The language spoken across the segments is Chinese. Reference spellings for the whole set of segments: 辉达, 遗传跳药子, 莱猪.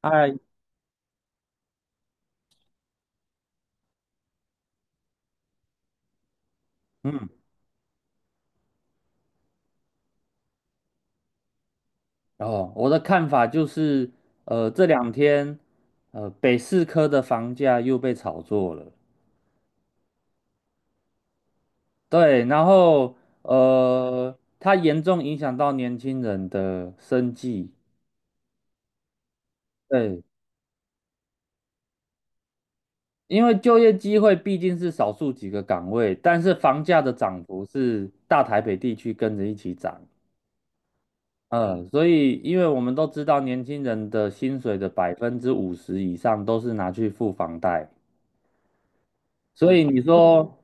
哎，嗯，哦，我的看法就是，这两天，北四科的房价又被炒作了，对，然后，它严重影响到年轻人的生计，对，因为就业机会毕竟是少数几个岗位，但是房价的涨幅是大台北地区跟着一起涨，所以因为我们都知道年轻人的薪水的50%以上都是拿去付房贷。所以你说，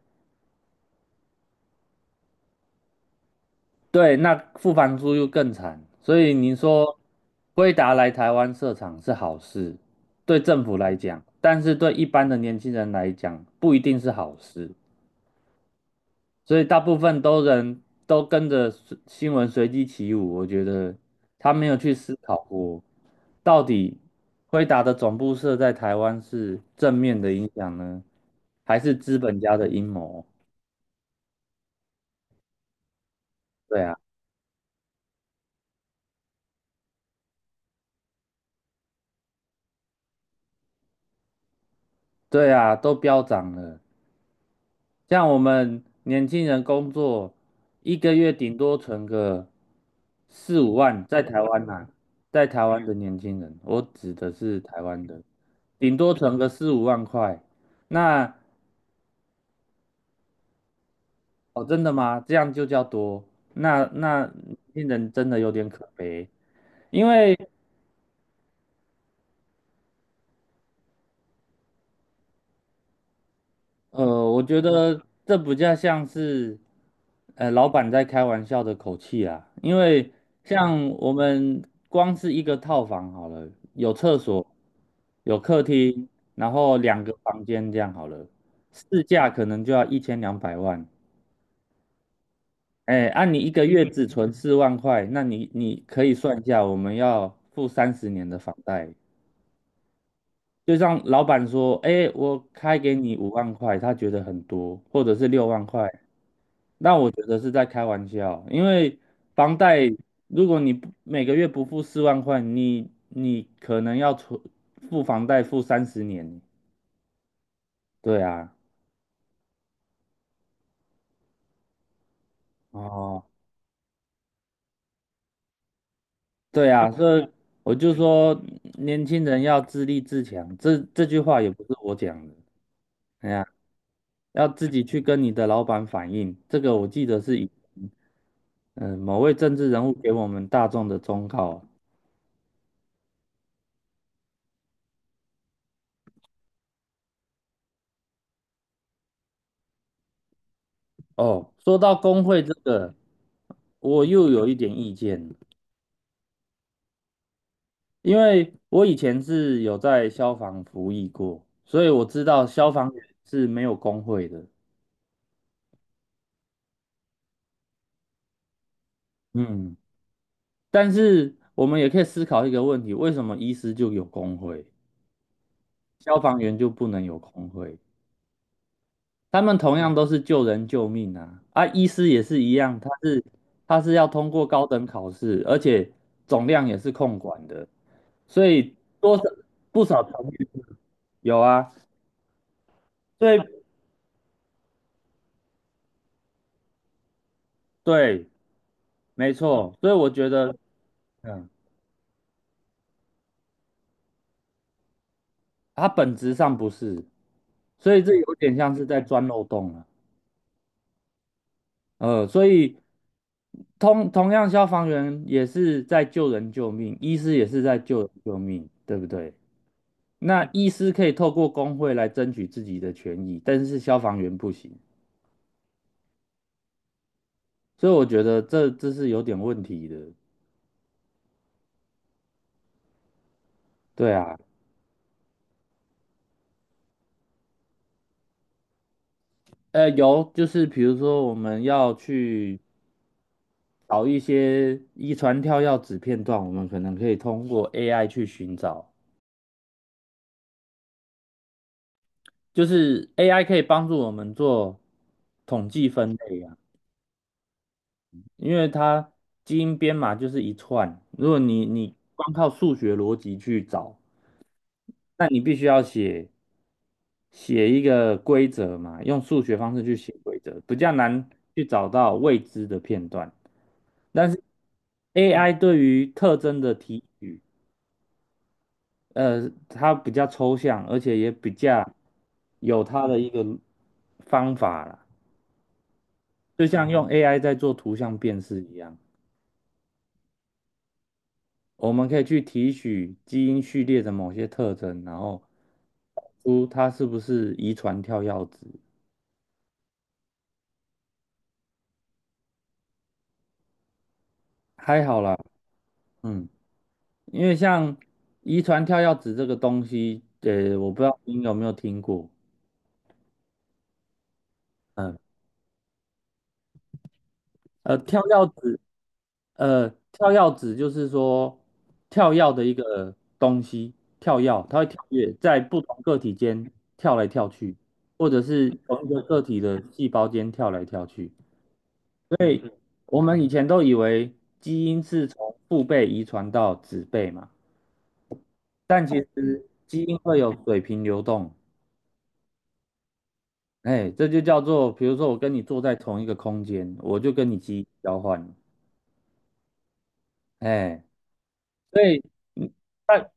对，那付房租又更惨，所以你说辉达来台湾设厂是好事，对政府来讲，但是对一般的年轻人来讲不一定是好事，所以大部分都人都跟着随新闻随机起舞，我觉得他没有去思考过，到底辉达的总部设在台湾是正面的影响呢，还是资本家的阴谋？对啊，对啊，都飙涨了。像我们年轻人工作，一个月顶多存个四五万，在台湾呐、在台湾的年轻人，我指的是台湾的，顶多存个4、5万块。那哦，真的吗？这样就叫多？那年轻人真的有点可悲，因为呃，我觉得这比较像是，老板在开玩笑的口气啊。因为像我们光是一个套房好了，有厕所，有客厅，然后两个房间这样好了，市价可能就要1,200万。哎，你一个月只存四万块，那你你可以算一下，我们要付三十年的房贷。就像老板说，哎，我开给你五万块，他觉得很多，或者是6万块。那我觉得是在开玩笑，因为房贷，如果你不每个月不付四万块，你可能要存付房贷付三十年。对啊，哦，对啊，所以我就说年轻人要自立自强，这句话也不是我讲的，哎呀，要自己去跟你的老板反映。这个我记得是以某位政治人物给我们大众的忠告。哦，说到工会这个，我又有一点意见。因为我以前是有在消防服役过，所以我知道消防员是没有工会的。嗯，但是我们也可以思考一个问题：为什么医师就有工会，消防员就不能有工会？他们同样都是救人救命啊！啊，医师也是一样，他是要通过高等考试，而且总量也是控管的，所以多少不少层面有啊。所以对，没错，所以我觉得。嗯它本质上不是，所以这有点像是在钻漏洞了。所以同样，消防员也是在救人救命，医师也是在救人救命，对不对？那医师可以透过工会来争取自己的权益，但是消防员不行，所以我觉得这是有点问题的。对啊，有就是比如说我们要去找一些遗传跳药子片段，我们可能可以通过 AI 去寻找。就是 AI 可以帮助我们做统计分类啊，因为它基因编码就是一串，如果你你光靠数学逻辑去找，那你必须要写一个规则嘛，用数学方式去写规则，比较难去找到未知的片段。但是 AI 对于特征的提取，它比较抽象，而且也比较有它的一个方法啦。就像用 AI 在做图像辨识一样，我们可以去提取基因序列的某些特征，然后找出它是不是遗传跳药子。还好啦，嗯，因为像遗传跳药子这个东西，我不知道您有没有听过，嗯，呃，跳药子跳药指就是说跳药的一个东西，跳药它会跳跃在不同个体间跳来跳去，或者是同一个个体的细胞间跳来跳去。我们以前都以为基因是从父辈遗传到子辈嘛，但其实基因会有水平流动，哎，这就叫做，比如说我跟你坐在同一个空间，我就跟你基因交换，哎，所以。嗯。那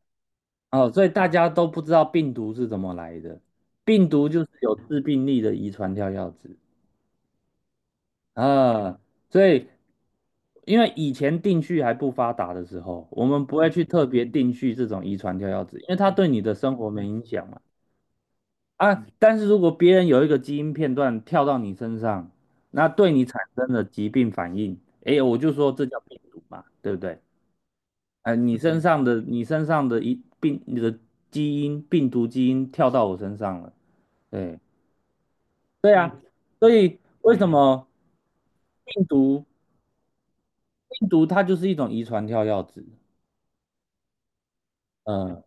哦，所以大家都不知道病毒是怎么来的，病毒就是有致病力的遗传跳药子啊，所以因为以前定序还不发达的时候，我们不会去特别定序这种遗传跳药子，因为它对你的生活没影响嘛。啊，但是如果别人有一个基因片段跳到你身上，那对你产生了疾病反应，哎，我就说这叫病毒嘛，对不对？你身上的一病，你的基因病毒基因跳到我身上了。对，对啊，所以为什么病毒病毒它就是一种遗传跳跃子？嗯，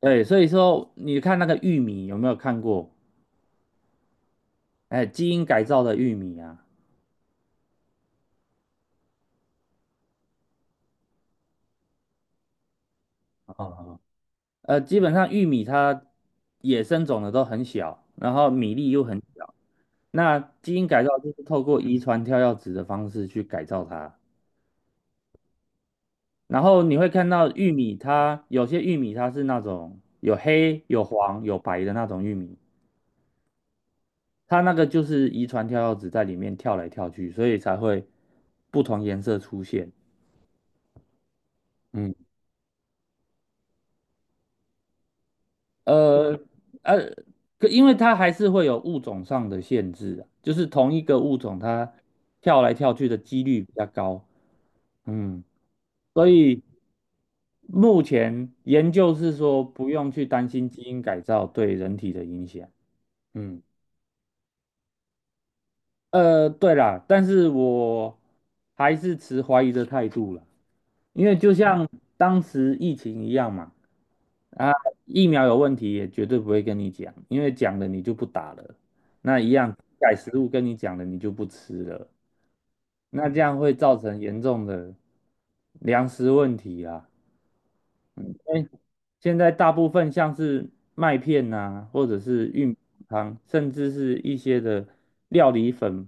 对，所以说你看那个玉米有没有看过？哎，基因改造的玉米啊，哦，基本上玉米它野生种的都很小，然后米粒又很小，那基因改造就是透过遗传跳跃子的方式去改造它。然后你会看到玉米它，有些玉米它是那种有黑、有黄、有白的那种玉米，它那个就是遗传跳跃子在里面跳来跳去，所以才会不同颜色出现。嗯，呃呃，可因为它还是会有物种上的限制啊，就是同一个物种它跳来跳去的几率比较高。嗯，所以目前研究是说不用去担心基因改造对人体的影响。嗯，对啦，但是我还是持怀疑的态度啦。因为就像当时疫情一样嘛，啊，疫苗有问题也绝对不会跟你讲，因为讲了你就不打了。那一样改食物跟你讲了，你就不吃了。那这样会造成严重的粮食问题啊。因为现在大部分像是麦片呐、或者是玉米汤，甚至是一些的料理粉，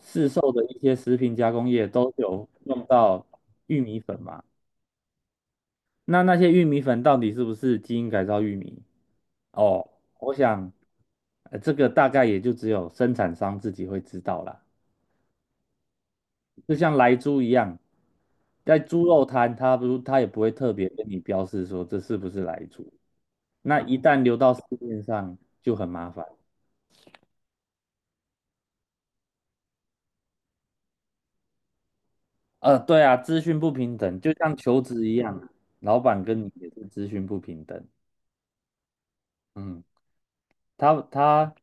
市售的一些食品加工业都有用到玉米粉嘛。那那些玉米粉到底是不是基因改造玉米？哦，我想，这个大概也就只有生产商自己会知道啦。就像莱猪一样，在猪肉摊，他也不会特别跟你标示说这是不是莱猪。那一旦流到市面上，就很麻烦。对啊，资讯不平等，就像求职一样，老板跟你也是资讯不平等。嗯，他他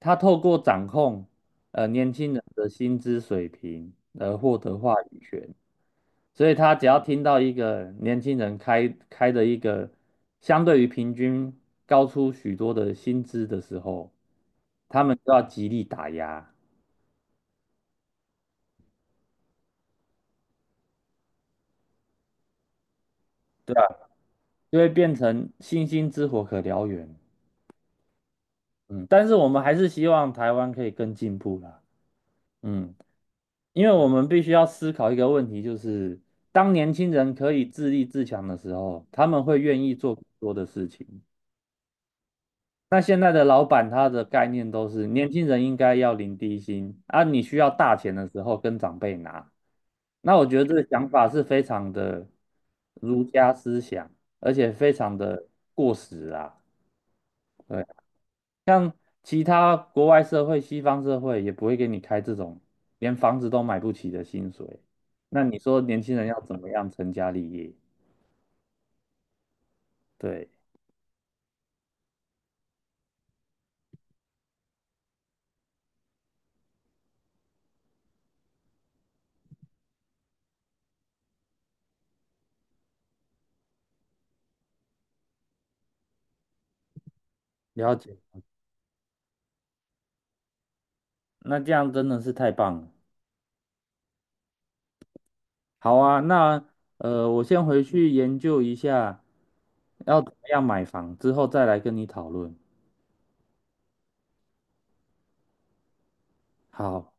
他透过掌控年轻人的薪资水平而获得话语权，所以他只要听到一个年轻人开的一个相对于平均高出许多的薪资的时候，他们就要极力打压，就会变成星星之火可燎原。嗯，但是我们还是希望台湾可以更进步啦。嗯。因为我们必须要思考一个问题，就是当年轻人可以自立自强的时候，他们会愿意做更多的事情。那现在的老板他的概念都是年轻人应该要领低薪，啊，你需要大钱的时候跟长辈拿。那我觉得这个想法是非常的儒家思想，而且非常的过时啊。对像其他国外社会、西方社会也不会给你开这种连房子都买不起的薪水。那你说年轻人要怎么样成家立业？对，了解。那这样真的是太棒了。好啊，那我先回去研究一下要怎么样买房，之后再来跟你讨论。好。